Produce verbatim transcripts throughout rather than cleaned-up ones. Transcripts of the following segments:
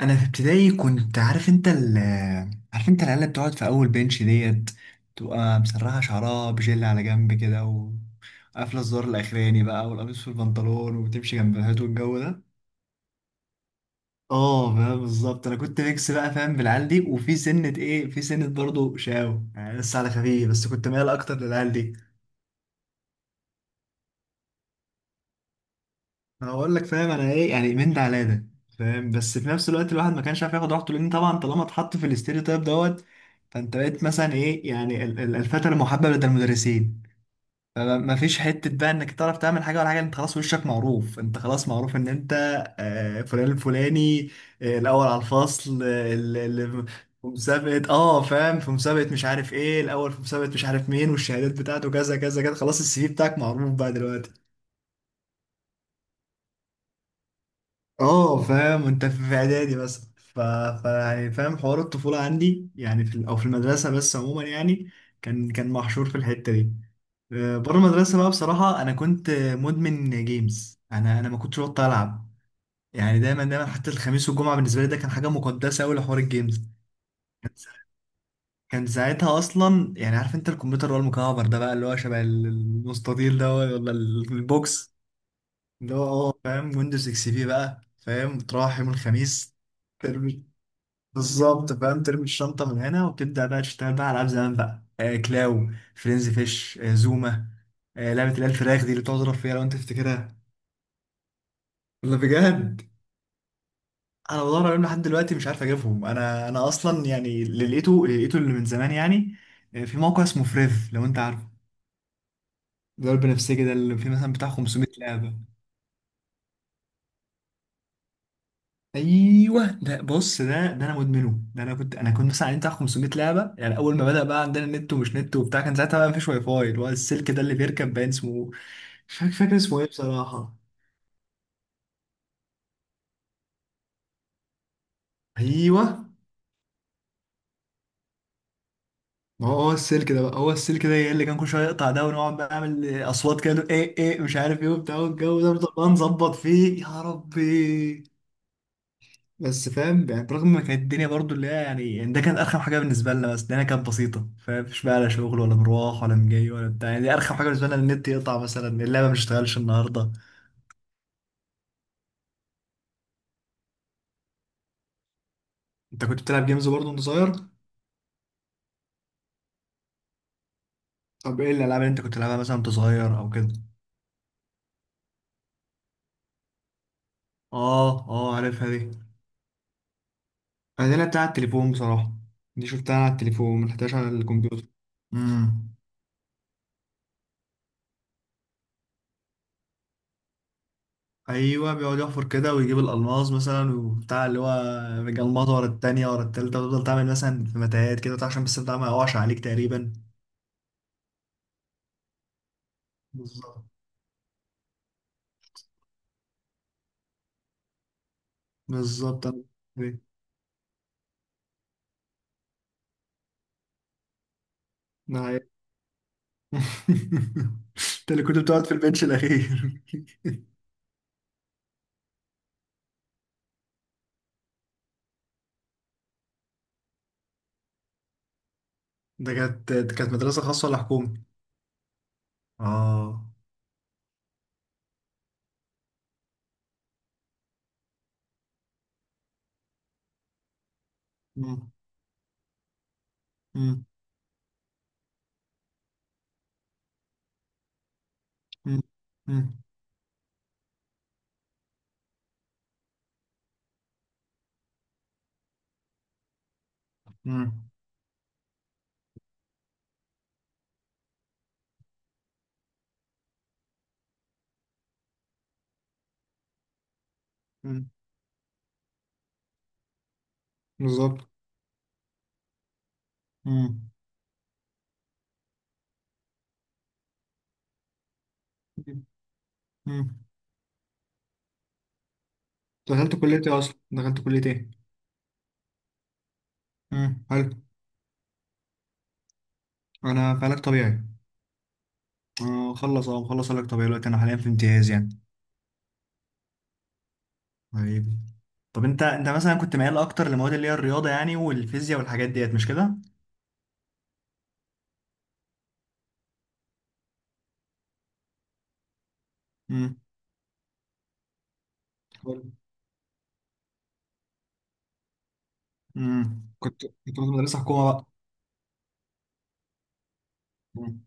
انا في ابتدائي كنت عارف انت ال- عارف انت العيال اللي بتقعد في اول بنش ديت، تبقى مسرحه شعرها بجل على جنب كده وقافله الزر الاخراني بقى والقميص في البنطلون وبتمشي جنب الهات والجو ده. اه فاهم بالظبط، انا كنت ميكس بقى فاهم بالعيال دي، وفي سنه ايه، في سنه برضه شاو يعني لسه على خفيف، بس كنت مايل اكتر للعيال دي. انا بقول لك فاهم انا ايه يعني، من ده على ده. فاهم بس في نفس الوقت الواحد ما كانش عارف ياخد راحته، لان طبعا طالما اتحط في الاستيريو تايب دوت، فانت بقيت مثلا ايه يعني ال- ال- الفتى المحبب لدى المدرسين. ما فيش حته بقى انك تعرف تعمل حاجه ولا حاجه، انت خلاص وشك معروف، انت خلاص معروف ان انت آه، فلان الفلاني، آه، الاول على الفصل، آه، ال- ال- في مسابقة، اه فاهم، في مسابقة مش عارف ايه الاول، في مسابقة مش عارف مين، والشهادات بتاعته كذا كذا كذا، خلاص السي في بتاعك معروف بقى دلوقتي. اه فاهم، انت في اعدادي مثلا ف... ف يعني فاهم حوار الطفوله عندي يعني في ال... او في المدرسه، بس عموما يعني كان كان محشور في الحته دي. آه، بره المدرسه بقى، بصراحه انا كنت مدمن جيمز، انا انا ما كنتش بطل العب. يعني دايما دايما حتى الخميس والجمعه بالنسبه لي ده كان حاجه مقدسه قوي لحوار الجيمز. كان سا- كان ساعتها اصلا يعني، عارف انت الكمبيوتر اللي هو المكعب ده بقى، اللي هو شبه ال- المستطيل ده، ولا ال- البوكس اللي هو اه فاهم، ويندوز اكس بي بقى فاهم، تروح يوم الخميس بالظبط فاهم، ترمي الشنطة من هنا وتبدأ بقى تشتغل بقى على ألعاب زمان بقى، آه كلاو فرينزي فيش، آه زوما، آه لعبة اللي هي الفراخ دي اللي بتقعد تضرب فيها، لو أنت تفتكرها. ولا بجد؟ أنا بدور عليهم لحد دلوقتي مش عارف أجيبهم. أنا أنا أصلا يعني اللي لقيته اللي لقيته اللي من زمان يعني. آه، في موقع اسمه فريف لو أنت عارفه، ده البنفسجي ده، اللي فيه مثلا بتاع خمسمية لعبة. ايوه ده، بص ده، ده انا مدمنه، ده انا كنت، انا كنت مثلا عليه بتاع خمسمائة لعبه. يعني اول ما بدا بقى عندنا نت ومش نت وبتاع، كان ساعتها بقى مفيش واي فاي، اللي هو السلك ده اللي بيركب باين اسمه مش فاكر فاكر اسمه ايه بصراحه. ايوه، ما هو هو السلك ده بقى هو السلك ده اللي كان كل شويه يقطع ده، ونقعد بقى نعمل اصوات كده، نقول ايه ايه مش عارف ايه وبتاع، والجو ده بنفضل بقى نظبط فيه يا ربي. بس فاهم يعني، برغم ما كانت الدنيا برضو اللي هي يعني، يعني ده كانت ارخم حاجه بالنسبه لنا، بس الدنيا كانت بسيطه فاهم، مش بقى لا شغل ولا مروح ولا مجاي ولا بتاع، يعني دي ارخم حاجه بالنسبه لنا إن النت يقطع مثلا، اللعبه مش شغالش النهارده. انت كنت بتلعب جيمز برضو وانت صغير؟ طب ايه الالعاب اللي انت كنت بتلعبها مثلا وانت صغير او كده؟ اه اه عارفها دي. انا دي لعبتها على التليفون بصراحه، دي شفتها على التليفون ما لعبتهاش على الكمبيوتر. ايوه بيقعد يحفر كده ويجيب الالماس مثلا وبتاع اللي هو، مجمده ورا التانية ورا التالتة، وتفضل تعمل مثلا في متاهات كده بتاع، عشان بس بتاع ما يقعش عليك تقريبا. بالظبط، بالظبط، انا ده حقيقي. انت اللي كنت بتقعد في البنش الاخير؟ ده كانت، ده كانت مدرسة خاصة ولا حكومي؟ اه. مم. مم. مم. مم. مم. مم. بالظبط. مم. مم. دخلت كلية ايه اصلا؟ دخلت كلية ايه؟ مم. حلو. انا في علاج طبيعي. آه، مخلص، اه مخلص علاج طبيعي دلوقتي، انا حاليا في امتياز يعني. طيب. طب انت، انت مثلا كنت ميال اكتر لمواد اللي هي الرياضه يعني والفيزياء والحاجات ديت، مش كده؟ امم. امم كنت كنت في مدرسه حكومه بقى؟ مم.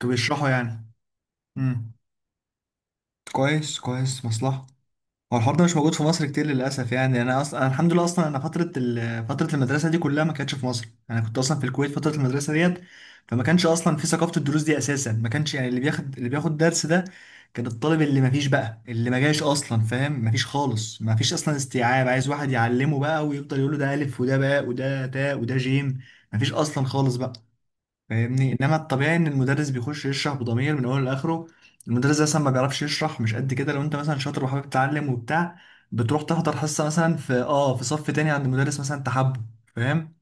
كانوا بيشرحوا يعني؟ امم. كويس كويس، مصلحه. هو الحوار ده مش موجود في مصر كتير للاسف يعني، انا اصلا أنا الحمد لله اصلا انا فتره ال... فتره المدرسه دي كلها ما كانتش في مصر، انا كنت اصلا في الكويت فتره المدرسه ديت. فما كانش اصلا في ثقافه الدروس دي اساسا، ما كانش يعني، اللي بياخد، اللي بياخد درس ده كان الطالب اللي ما فيش بقى، اللي ما جاش اصلا فاهم، ما فيش خالص، ما فيش اصلا استيعاب، عايز واحد يعلمه بقى ويفضل يقول له ده الف وده باء وده تاء وده جيم. ما فيش اصلا خالص بقى. فاهمني؟ انما الطبيعي ان المدرس بيخش يشرح بضمير من اوله لاخره. المدرس ده اصلا ما بيعرفش يشرح، مش قد كده. لو انت مثلا شاطر وحابب تتعلم وبتاع، بتروح تحضر حصه مثلا في اه في صف تاني عند مدرس مثلا تحبه. فاهم؟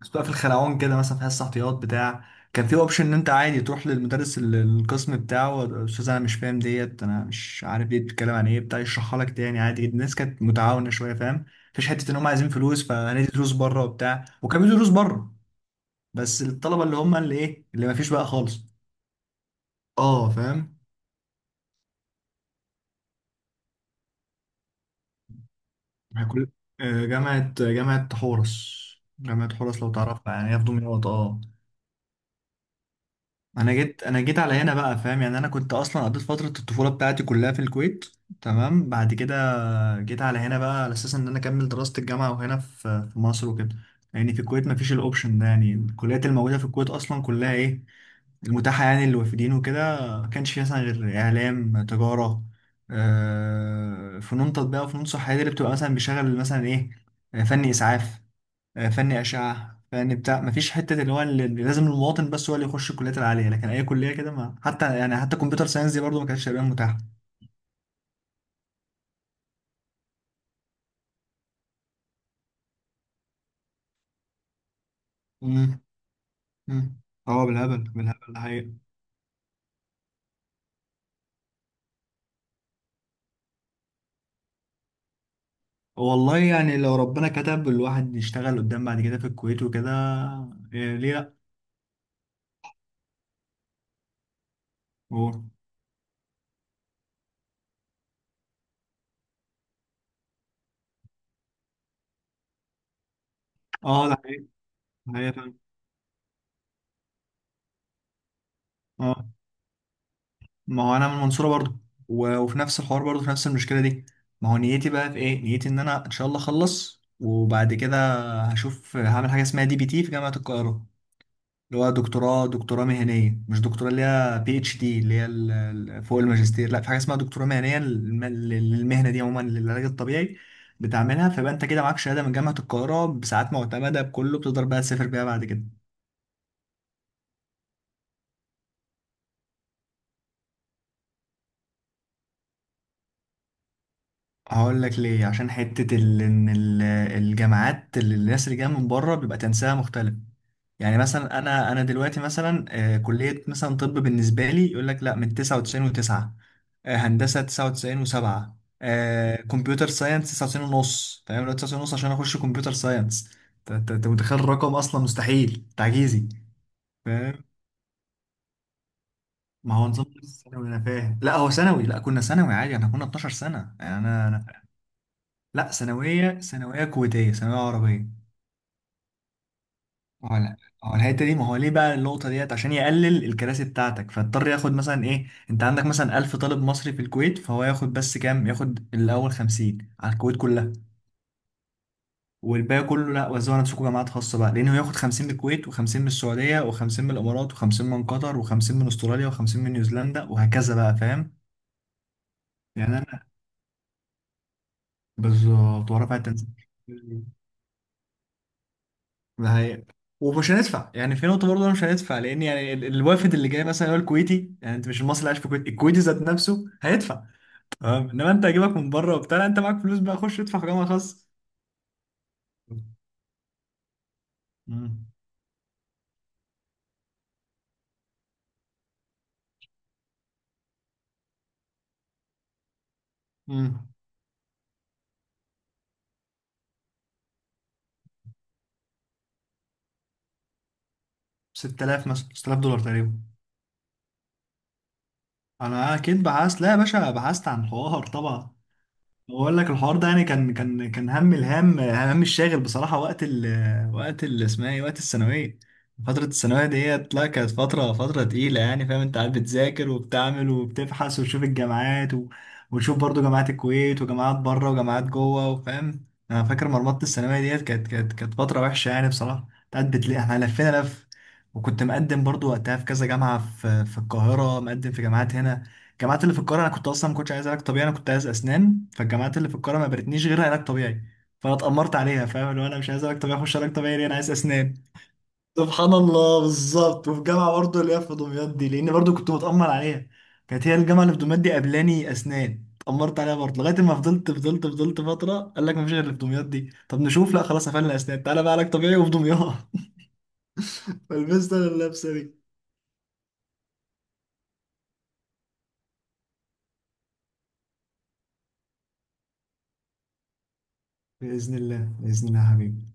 بس بقى في الخلعون كده مثلا، في حصه احتياط بتاع، كان في اوبشن ان انت عادي تروح للمدرس ال- القسم بتاعه، استاذ انا مش فاهم ديت، انا مش عارف دي بتتكلم عن ايه بتاع، يشرحها لك تاني عادي جدا. الناس كانت متعاونه شويه فاهم، مفيش حته ان هم عايزين فلوس فهندي دروس بره وبتاع، وكان في دروس بره، بس الطلبه اللي هم اللي ايه، اللي ما فيش بقى خالص. اه فاهم. كل آه، جامعه، جامعه حورس. جامعه حورس لو تعرفها، يعني هي في دمياط اه. انا جيت انا جيت على هنا بقى فاهم، يعني انا كنت اصلا قضيت فتره الطفوله بتاعتي كلها في الكويت. تمام، بعد كده جيت على هنا بقى، على اساس ان انا اكمل دراسه الجامعه وهنا في في مصر وكده. يعني في الكويت ما فيش الاوبشن ده، يعني الكليات الموجوده في الكويت اصلا كلها ايه، المتاحة يعني للوافدين وكده، ما كانش فيها مثلا غير إعلام، تجارة، آه، فنون تطبيق، وفنون صحية دي اللي بتبقى مثلا بيشغل مثلا إيه، آه، فن إسعاف، آه، فن أشعة، فن بتاع. ما فيش حتة اللي هو اللي لازم المواطن بس هو اللي يخش الكليات العالية، لكن أي كلية كده ما حتى يعني، حتى كمبيوتر ساينس دي برضه ما كانتش تقريبا متاحة. مم. مم. اه بالهبل بالهبل الحقيقة. والله يعني لو ربنا كتب الواحد يشتغل قدام بعد كده في الكويت وكده، إيه ليه لأ. هو اه، ده حقيقي، ده حقيقي فعلا. اه، ما هو انا من المنصوره برضو، و- وفي نفس الحوار برضو في نفس المشكله دي. ما هو نيتي بقى في ايه، نيتي ان انا ان شاء الله اخلص وبعد كده هشوف هعمل حاجه اسمها دي بي تي في جامعه القاهره. اللي هو دكتوراه، دكتوراه مهنيه، مش دكتوراه اللي هي بي اتش دي اللي هي ال- ال- فوق الماجستير، لا في حاجه اسمها دكتوراه مهنيه للم- للمهنه دي عموما، للعلاج الطبيعي. بتعملها، فيبقى انت كده معاك شهاده من جامعه القاهره بساعات معتمده بكله، بتقدر بقى تسافر بيها بعد كده. هقول لك ليه، عشان حتة ال... إن ال- الجامعات اللي الناس اللي جاية من بره بيبقى تنسيقها مختلف. يعني مثلا أنا أنا دلوقتي مثلا آه، كلية مثلا طب بالنسبة لي يقول لك لا، من تسعة وتسعين و9، هندسة تسعة وتسعين و7، كمبيوتر ساينس تسعة وتسعين ونص تمام، لو تسعة وتسعين ونص عشان أخش كمبيوتر ساينس. أنت، أنت- أنت متخيل الرقم، أصلا مستحيل تعجيزي. فاهم. ما هو نظام ثانوي أنا فاهم، لا هو ثانوي، لا كنا ثانوي عادي، احنا كنا اتناشر سنة يعني أنا. لا ثانوية، ثانوية كويتية، ثانوية عربية. هو لا، هو الحتة دي، ما هو ليه بقى النقطة ديت، عشان يقلل الكراسي بتاعتك، فاضطر ياخد مثلا ايه، انت عندك مثلا ألف طالب مصري في الكويت، فهو ياخد بس كام، ياخد الأول خمسين على الكويت كلها، والباقي كله لا وزعوا على نفسكم جامعات خاصة بقى. لأنه ياخد خمسين من الكويت، و50 من السعودية، و50 من الإمارات، و50 من قطر، و50 من أستراليا، و50 من نيوزيلندا، وهكذا بقى فاهم. يعني أنا بالظبط، ورا فيها التنسيق ده هي. ومش هندفع يعني، في نقطة برضه أنا مش هندفع، لأن يعني ال- الوافد اللي جاي مثلا هو الكويتي، يعني أنت مش المصري اللي عايش في الكويت، الكويتي ذات نفسه هيدفع. تمام، إنما أنت هجيبك من بره وبتاع، لا، أنت معاك فلوس بقى، خش ادفع في جامعة خاصة. امم. امم. ست تلاف مثلا، ستة آلاف دولار تقريبا. أنا أكيد بحثت، لا يا باشا بحثت عن حوار طبعا. بقول لك الحوار ده يعني، كان كان كان هم الهام، هم الشاغل بصراحة وقت ال، وقت ال اسمها ايه، وقت الثانوية. فترة الثانوية ديت، لا كانت فترة، فترة تقيلة يعني فاهم، انت قاعد بتذاكر وبتعمل وبتبحث وتشوف الجامعات و... وتشوف برضو جامعات الكويت وجامعات بره وجامعات جوه وفاهم. انا فاكر مرمطة الثانوية ديت، كانت كانت كانت فترة وحشة يعني بصراحة، كنت قاعد بتلاقي احنا لفينا لف. وكنت مقدم برضو وقتها في كذا جامعة في في القاهرة، مقدم في جامعات هنا. الجامعات اللي في القاهره، انا كنت اصلا ما كنتش عايز علاج طبيعي، انا كنت عايز اسنان، فالجامعات اللي في القاهره ما برتنيش غير علاج طبيعي، فانا اتامرت عليها فاهم، اللي هو انا مش عايز علاج طبيعي، اخش علاج طبيعي ليه، انا عايز اسنان. سبحان الله بالظبط. وفي جامعه برضه اللي هي في دمياط دي، لان برضه كنت متامر عليها، كانت هي الجامعه اللي في دمياط دي قبلاني اسنان، اتامرت عليها برضه، لغايه ما فضلت فضلت فضلت فتره، قال لك ما فيش غير اللي في دمياط دي، طب نشوف، لا خلاص قفلنا اسنان، تعالى بقى علاج طبيعي وفي دمياط. فلبست انا اللبسه دي. باذن الله، باذن الله يا حبيبي.